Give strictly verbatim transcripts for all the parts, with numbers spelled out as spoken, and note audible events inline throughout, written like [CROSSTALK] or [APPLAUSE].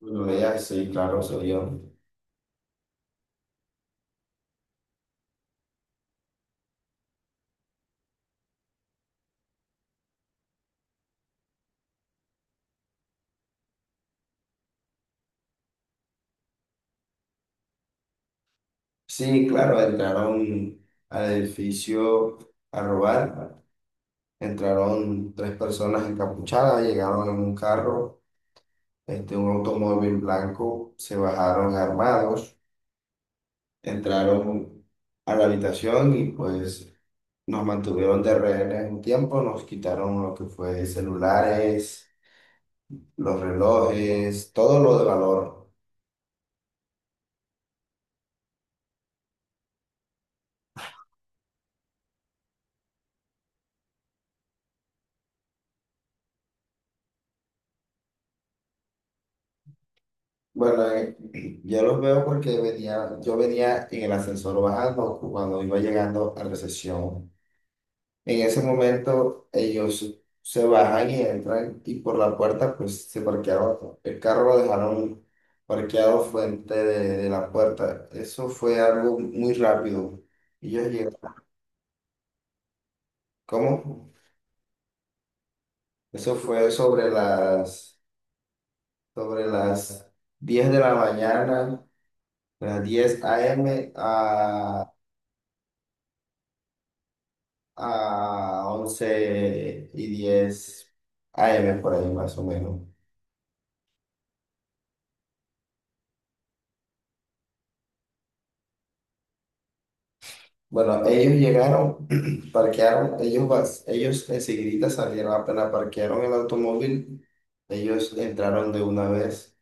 Lo veía, sí, claro, soy yo. Sí, claro, entraron al edificio a robar. Entraron tres personas encapuchadas, llegaron en un carro, este, un automóvil blanco, se bajaron armados, entraron a la habitación y pues nos mantuvieron de rehenes un tiempo, nos quitaron lo que fue celulares, los relojes, todo lo de valor. Bueno, eh, yo los veo porque venía, yo venía en el ascensor bajando cuando iba llegando a recepción. En ese momento ellos se bajan y entran y por la puerta pues se parquearon. El carro lo dejaron parqueado frente de, de la puerta. Eso fue algo muy rápido. Ellos llegaron. ¿Cómo? Eso fue sobre las, sobre las diez de la mañana, las diez a m a a once y diez a m por ahí más o menos. Bueno, ellos llegaron, [CLEARS THROAT] parquearon, ellos, vas- ellos enseguida salieron, apenas parquearon el automóvil, ellos entraron de una vez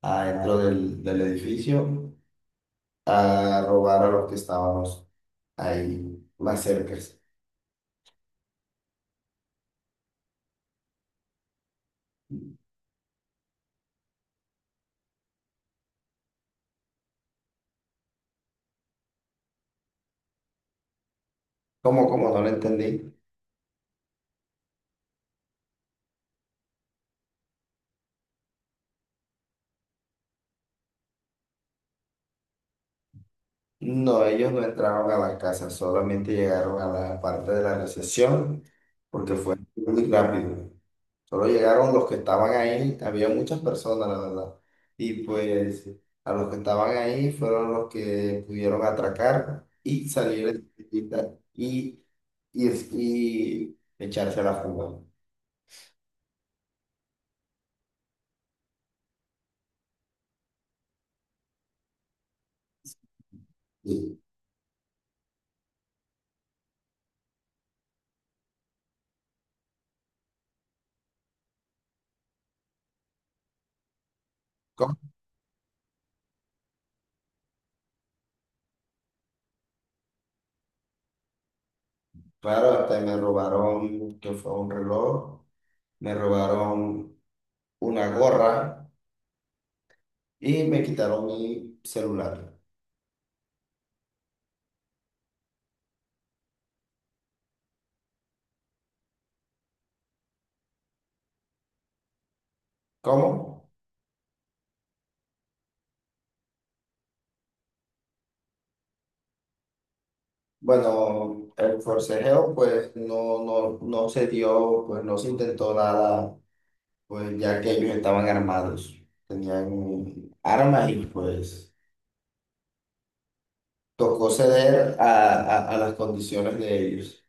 adentro del, del edificio a robar a los que estábamos ahí más cerca. Como, como no lo entendí. No, ellos no entraron a la casa, solamente llegaron a la parte de la recepción porque fue muy rápido. Solo llegaron los que estaban ahí, había muchas personas, la verdad. Y pues a los que estaban ahí fueron los que pudieron atracar y salir de la tienda y, y, es- y echarse a la fuga. Sí. ¿Cómo? Claro, hasta me robaron, que fue un reloj, me robaron una gorra y me quitaron mi celular. ¿Cómo? Bueno, el forcejeo pues no, no, no se dio, pues no se intentó nada, pues ya que ellos estaban armados, tenían armas y pues tocó ceder a, a, a las condiciones de ellos.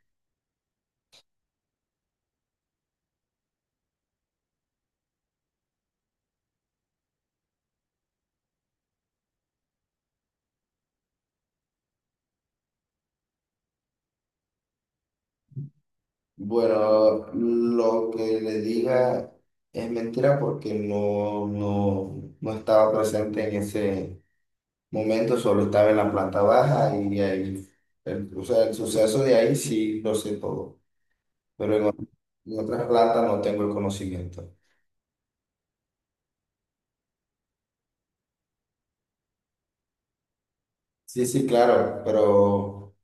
Bueno, lo que le diga es mentira porque no, no, no estaba presente en ese momento, solo estaba en la planta baja y ahí, el- o sea, el suceso de ahí sí lo sé todo, pero en, ot- en otras plantas no tengo el conocimiento. Sí, sí, claro, pero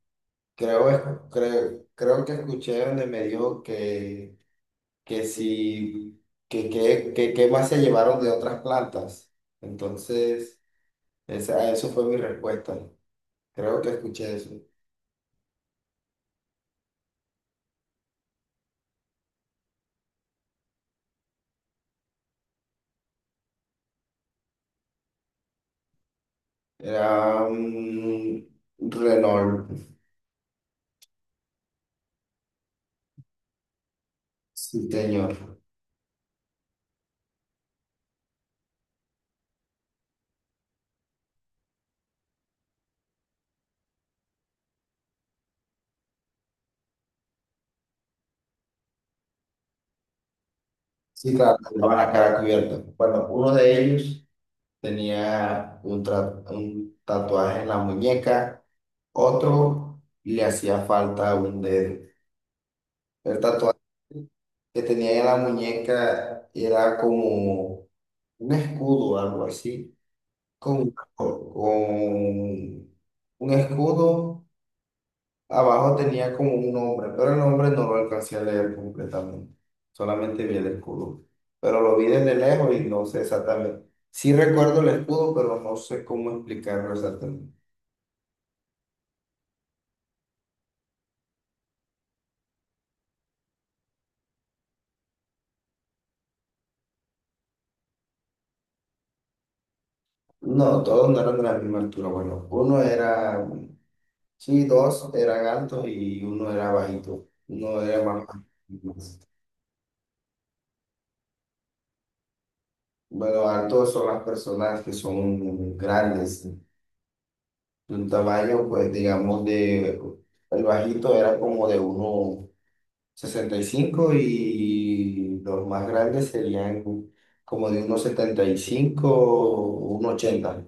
creo, es- creo, creo que escuché donde me dijo que, que si, que, que, que, que más se llevaron de otras plantas. Entonces, esa, eso fue mi respuesta. Creo que escuché eso. Era un Renault, sí, señor. Sí, claro, llevaban la cara cubierta. Bueno, uno de ellos tenía un, tra- un tatuaje en la muñeca, otro le hacía falta un dedo. El tatuaje que tenía en la muñeca era como un escudo, algo así, con, con un escudo. Abajo tenía como un nombre, pero el nombre no lo alcancé a leer completamente. Solamente vi el escudo. Pero lo vi desde lejos y no sé exactamente. Sí recuerdo el escudo, pero no sé cómo explicarlo exactamente. No, todos no eran de la misma altura. Bueno, uno era, sí, dos eran altos y uno era bajito. Uno era más más- Bueno, altos son las personas que son grandes, de un tamaño, pues digamos, de, el bajito era como de uno sesenta y cinco y los más grandes serían como de unos setenta y cinco o un ochenta.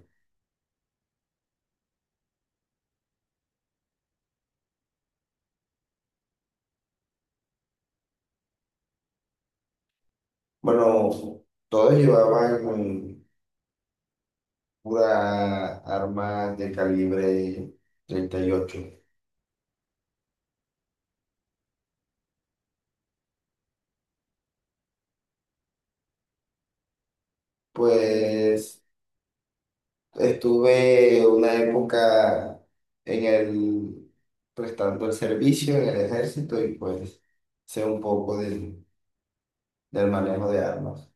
Bueno, todos llevaban pura arma de calibre treinta y ocho. Pues estuve una época en el prestando el servicio en el ejército, y pues sé un poco del, del manejo de armas.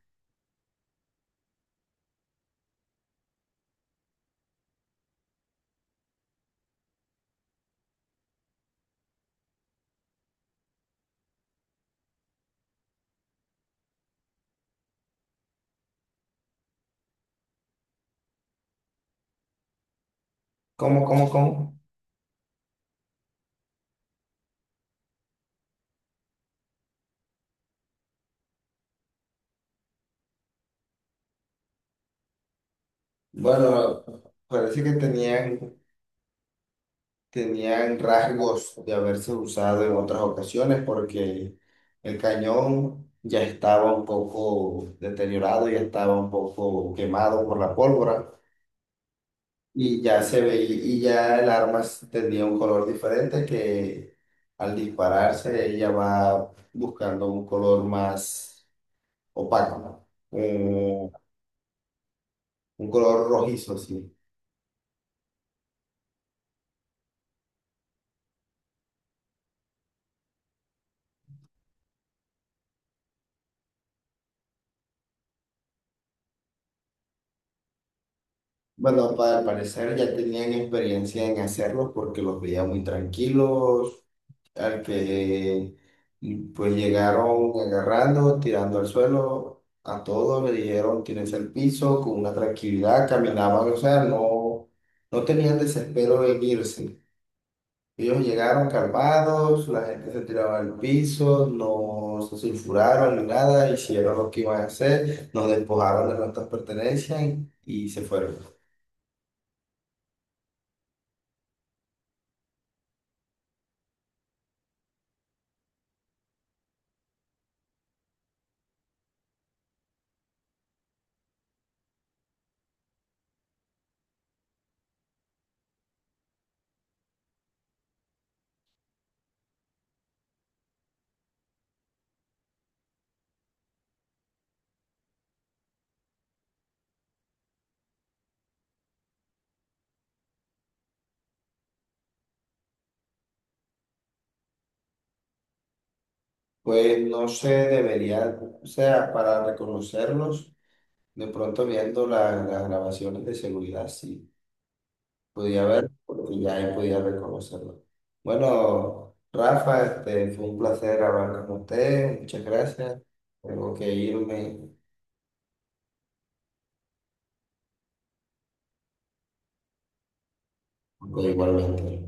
¿Cómo, cómo, cómo? Bueno, parece que tenían, tenían rasgos de haberse usado en otras ocasiones porque el cañón ya estaba un poco deteriorado, ya estaba un poco quemado por la pólvora, y ya se veía, y ya el arma tenía un color diferente, que al dispararse ella va buscando un color más opaco, ¿no? Eh, un color rojizo, sí. Bueno, pa- al parecer ya tenían experiencia en hacerlos porque los veía muy tranquilos, al que pues llegaron agarrando, tirando al suelo, a todos le dijeron tienes el piso, con una tranquilidad caminaban, o sea, no, no tenían desespero en irse. Ellos llegaron calmados, la gente se tiraba al piso, no se sulfuraron ni nada, hicieron lo que iban a hacer, nos despojaron de nuestras pertenencias y y se fueron. Pues no se debería, o sea, para reconocerlos, de pronto viendo la- las grabaciones de seguridad, sí, podía ver, porque ya ahí podía reconocerlos. Bueno, Rafa, este, fue un placer hablar con usted, muchas gracias. Tengo que irme, pero igualmente.